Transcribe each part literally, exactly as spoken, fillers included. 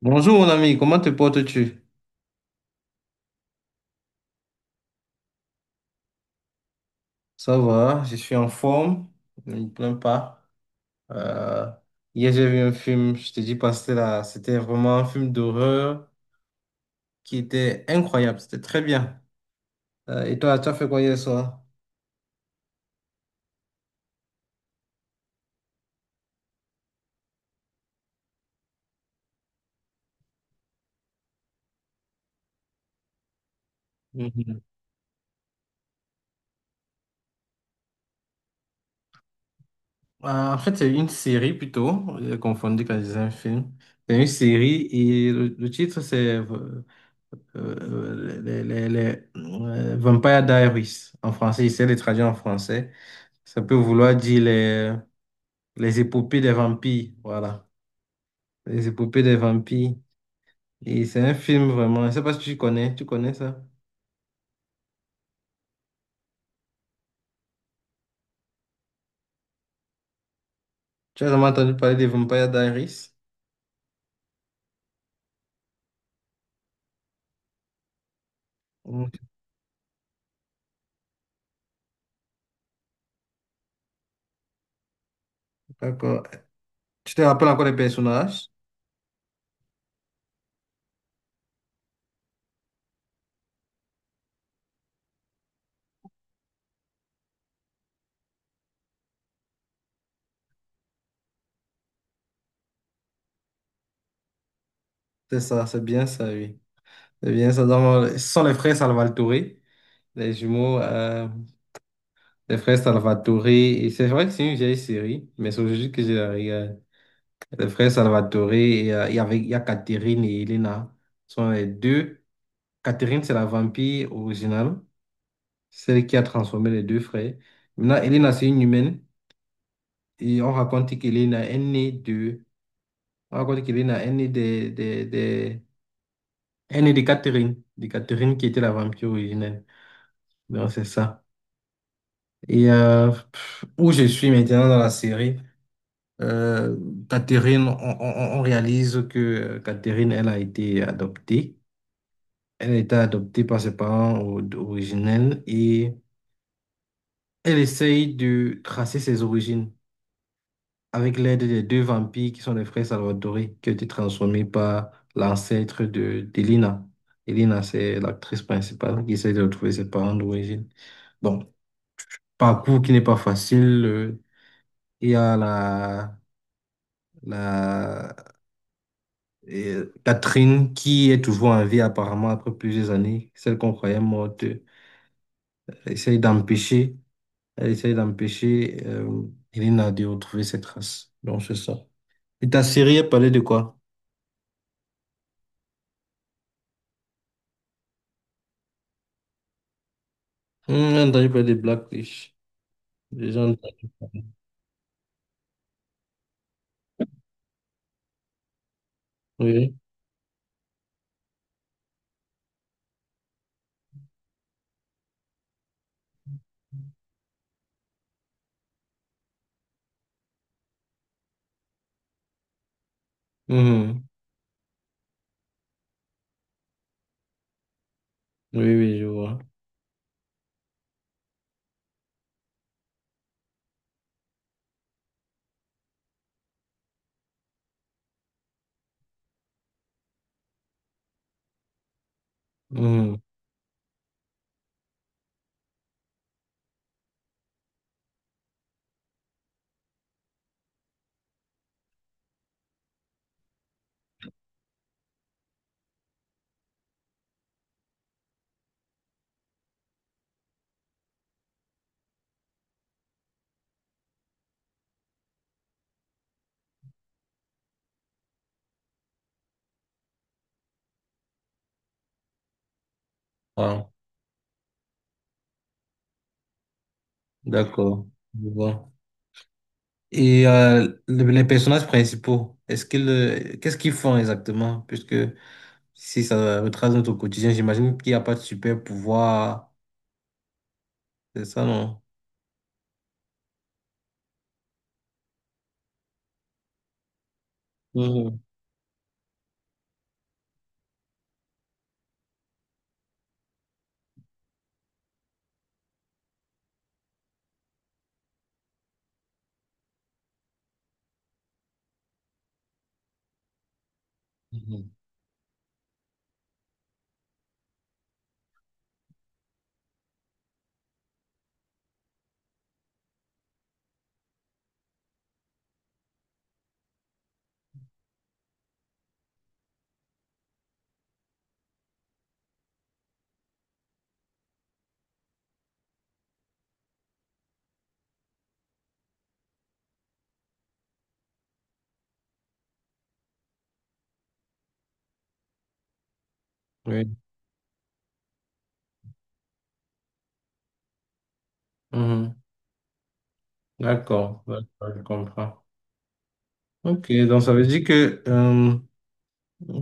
Bonjour mon ami, comment te portes-tu? Ça va, je suis en forme, ne me plains pas. Euh, Hier j'ai vu un film, je te dis pas, c'était là, c'était vraiment un film d'horreur qui était incroyable, c'était très bien. Euh, et toi, tu as fait quoi hier soir? Mhm. Euh, en fait, c'est une série plutôt, j'ai confondu quand je disais un film. C'est une série et le, le titre c'est euh, euh, les, les- les, euh, Vampire Diaries en français, j'essaie de traduire en français. Ça peut vouloir dire les Les épopées des vampires, voilà. Les épopées des vampires. Et c'est un film vraiment. Je ne sais pas si tu connais, tu connais ça. Tu as jamais entendu parler des Vampire Diaries? Mm. D'accord. Tu te rappelles encore les personnages? C'est ça, c'est bien ça, oui. C'est bien ça. Donc, ce sont les frères Salvatore, les jumeaux, euh, les frères Salvatore. Et c'est vrai que c'est une vieille série, mais c'est aujourd'hui que je la regarde. Les frères Salvatore, et, euh, il y avait, il y a Catherine et Elena. Ce sont les deux. Catherine, c'est la vampire originale, celle qui a transformé les deux frères. Maintenant, Elena, c'est une humaine et on raconte qu'Elena est née de... On raconte qu'Elena est née de de de est née de Catherine, de Catherine qui était la vampire originelle. Donc, c'est ça. Et euh, pff, où je suis maintenant dans la série, euh, Catherine, on, on- on réalise que euh, Catherine, elle a été adoptée. Elle a été adoptée par ses parents o- originels et elle essaye de tracer ses origines, avec l'aide des deux vampires qui sont les frères Salvatore, qui ont été transformés par l'ancêtre de d'Elina. Elina, c'est l'actrice principale qui essaie de retrouver ses parents d'origine. Bon, parcours qui n'est pas facile. euh, Il y a la, la euh, Catherine qui est toujours en vie apparemment après plusieurs années, celle qu'on croyait morte. Elle essaye d'empêcher, Elle essaye d'empêcher euh, Elina de retrouver ses traces. Donc c'est ça. Et ta série, elle parlait de quoi? Hum, J'ai entendu parler des black fish. J'ai entendu. Oui. Mhm. Oui, oui, je vois. Mhm. Ah, d'accord. Je vois. Et euh, le- les personnages principaux, est-ce qu'ils, euh, qu'est-ce qu'ils font exactement? Puisque si ça retrace notre quotidien, j'imagine qu'il n'y a pas de super pouvoir. C'est ça, non? Mhm. Mhm. Oui. Mhm. D'accord. D'accord, je comprends. Ok, donc ça veut dire que euh,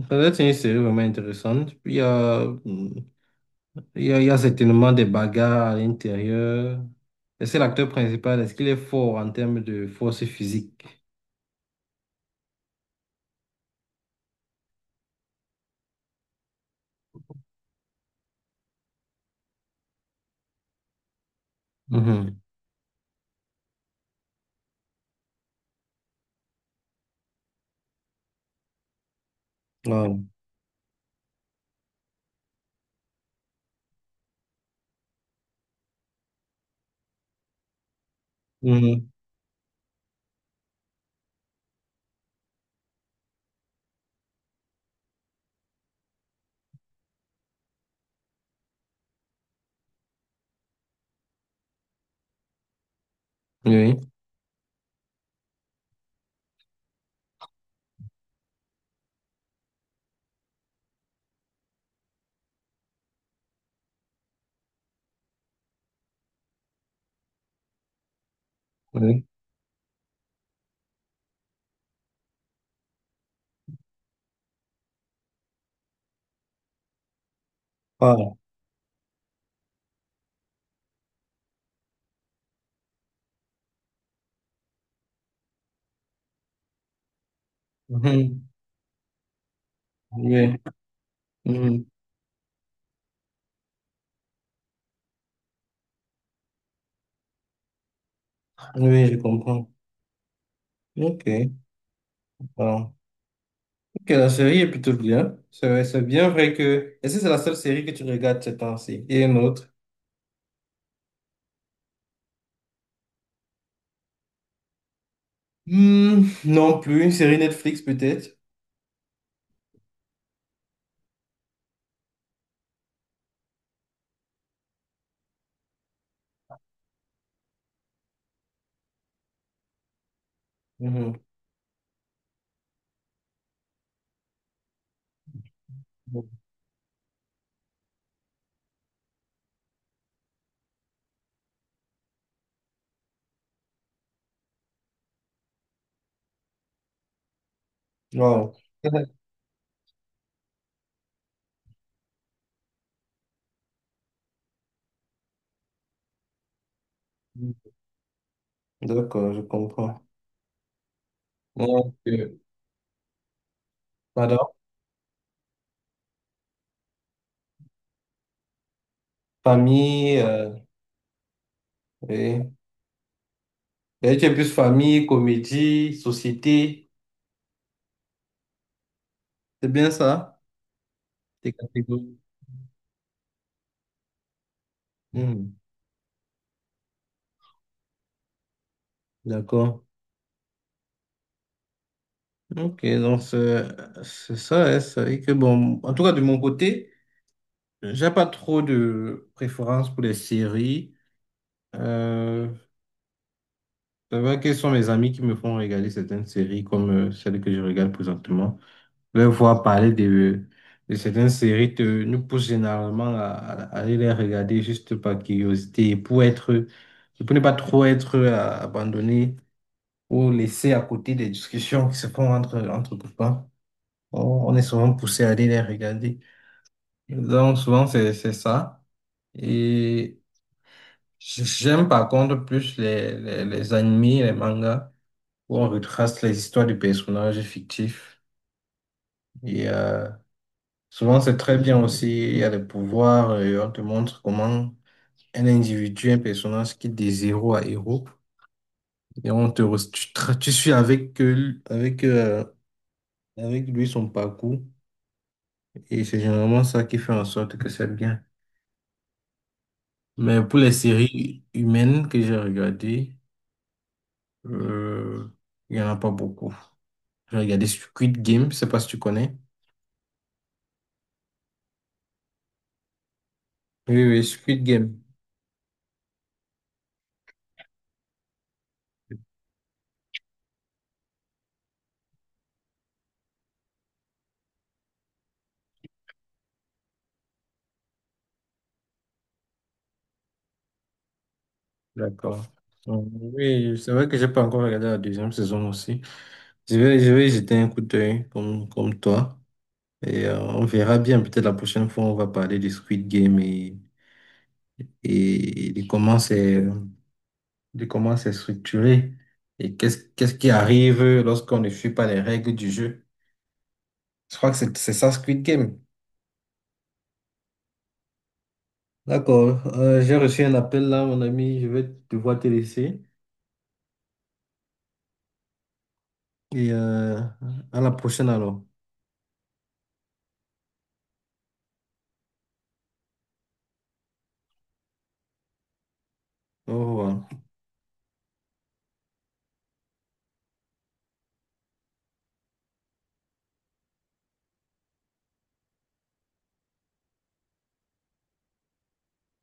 ça doit être une série vraiment intéressante. Puis, euh, il y a, il y a certainement des bagarres à l'intérieur. Et c'est l'acteur principal. Est-ce qu'il est fort en termes de force physique? Mhm. Wow. Mhm. Oui, oui. Wow. Mhm. Oui. Mhm. Oui, je comprends. Ok. Wow. Ok, la série est plutôt bien. C'est c'est bien vrai que... Est-ce que c'est la seule série que tu regardes ces temps-ci? Et une autre? Hmm, non plus. Une série Netflix peut-être? Mhm. Wow. D'accord, je comprends. Ok. Madame? Famille, euh, oui. Et tu es plus famille, comédie, société. C'est bien ça, tes catégories. Hmm, d'accord. Ok, donc c'est c'est ça, hein, c'est vrai que bon, en tout cas de mon côté, j'ai pas trop de préférence pour les séries. Euh, c'est vrai que ce sont mes amis qui me font regarder certaines séries comme euh, celle que je regarde présentement. Leur voir parler de, de certaines séries te, nous pousse généralement à, à- à aller les regarder juste par curiosité et pour être, pour ne pas trop être euh, abandonné ou laissé à côté des discussions qui se font entre, entre copains. On, on est souvent poussé à aller les regarder. Donc, souvent, c'est, c'est ça. Et j'aime par contre plus les, les, les animés, les mangas, où on retrace les histoires de personnages fictifs. Et, euh, souvent, c'est très bien aussi. Il y a des pouvoirs et on te montre comment un individu, un personnage quitte des zéros à héros. Et on te, re- tu, tra- tu suis avec, euh, avec, euh, avec lui son parcours. Et c'est généralement ça qui fait en sorte que c'est bien. Mais pour les séries humaines que j'ai regardées, euh, il n'y en a pas beaucoup. J'ai regardé Squid Game, je sais pas si tu connais. Oui, oui, Squid Game. D'accord. Donc, oui, c'est vrai que j'ai pas encore regardé la deuxième saison aussi. Je vais, je vais jeter un coup d'œil comme, comme toi. Et euh, on verra bien. Peut-être la prochaine fois, on va parler du Squid Game et, et de comment c'est, de comment c'est structuré et qu'est-ce, qu'est-ce qui arrive lorsqu'on ne suit pas les règles du jeu. Je crois que c'est, c'est ça, Squid Game. D'accord. Euh, j'ai reçu un appel là, mon ami. Je vais devoir te laisser. Et euh, à la prochaine alors. Au revoir.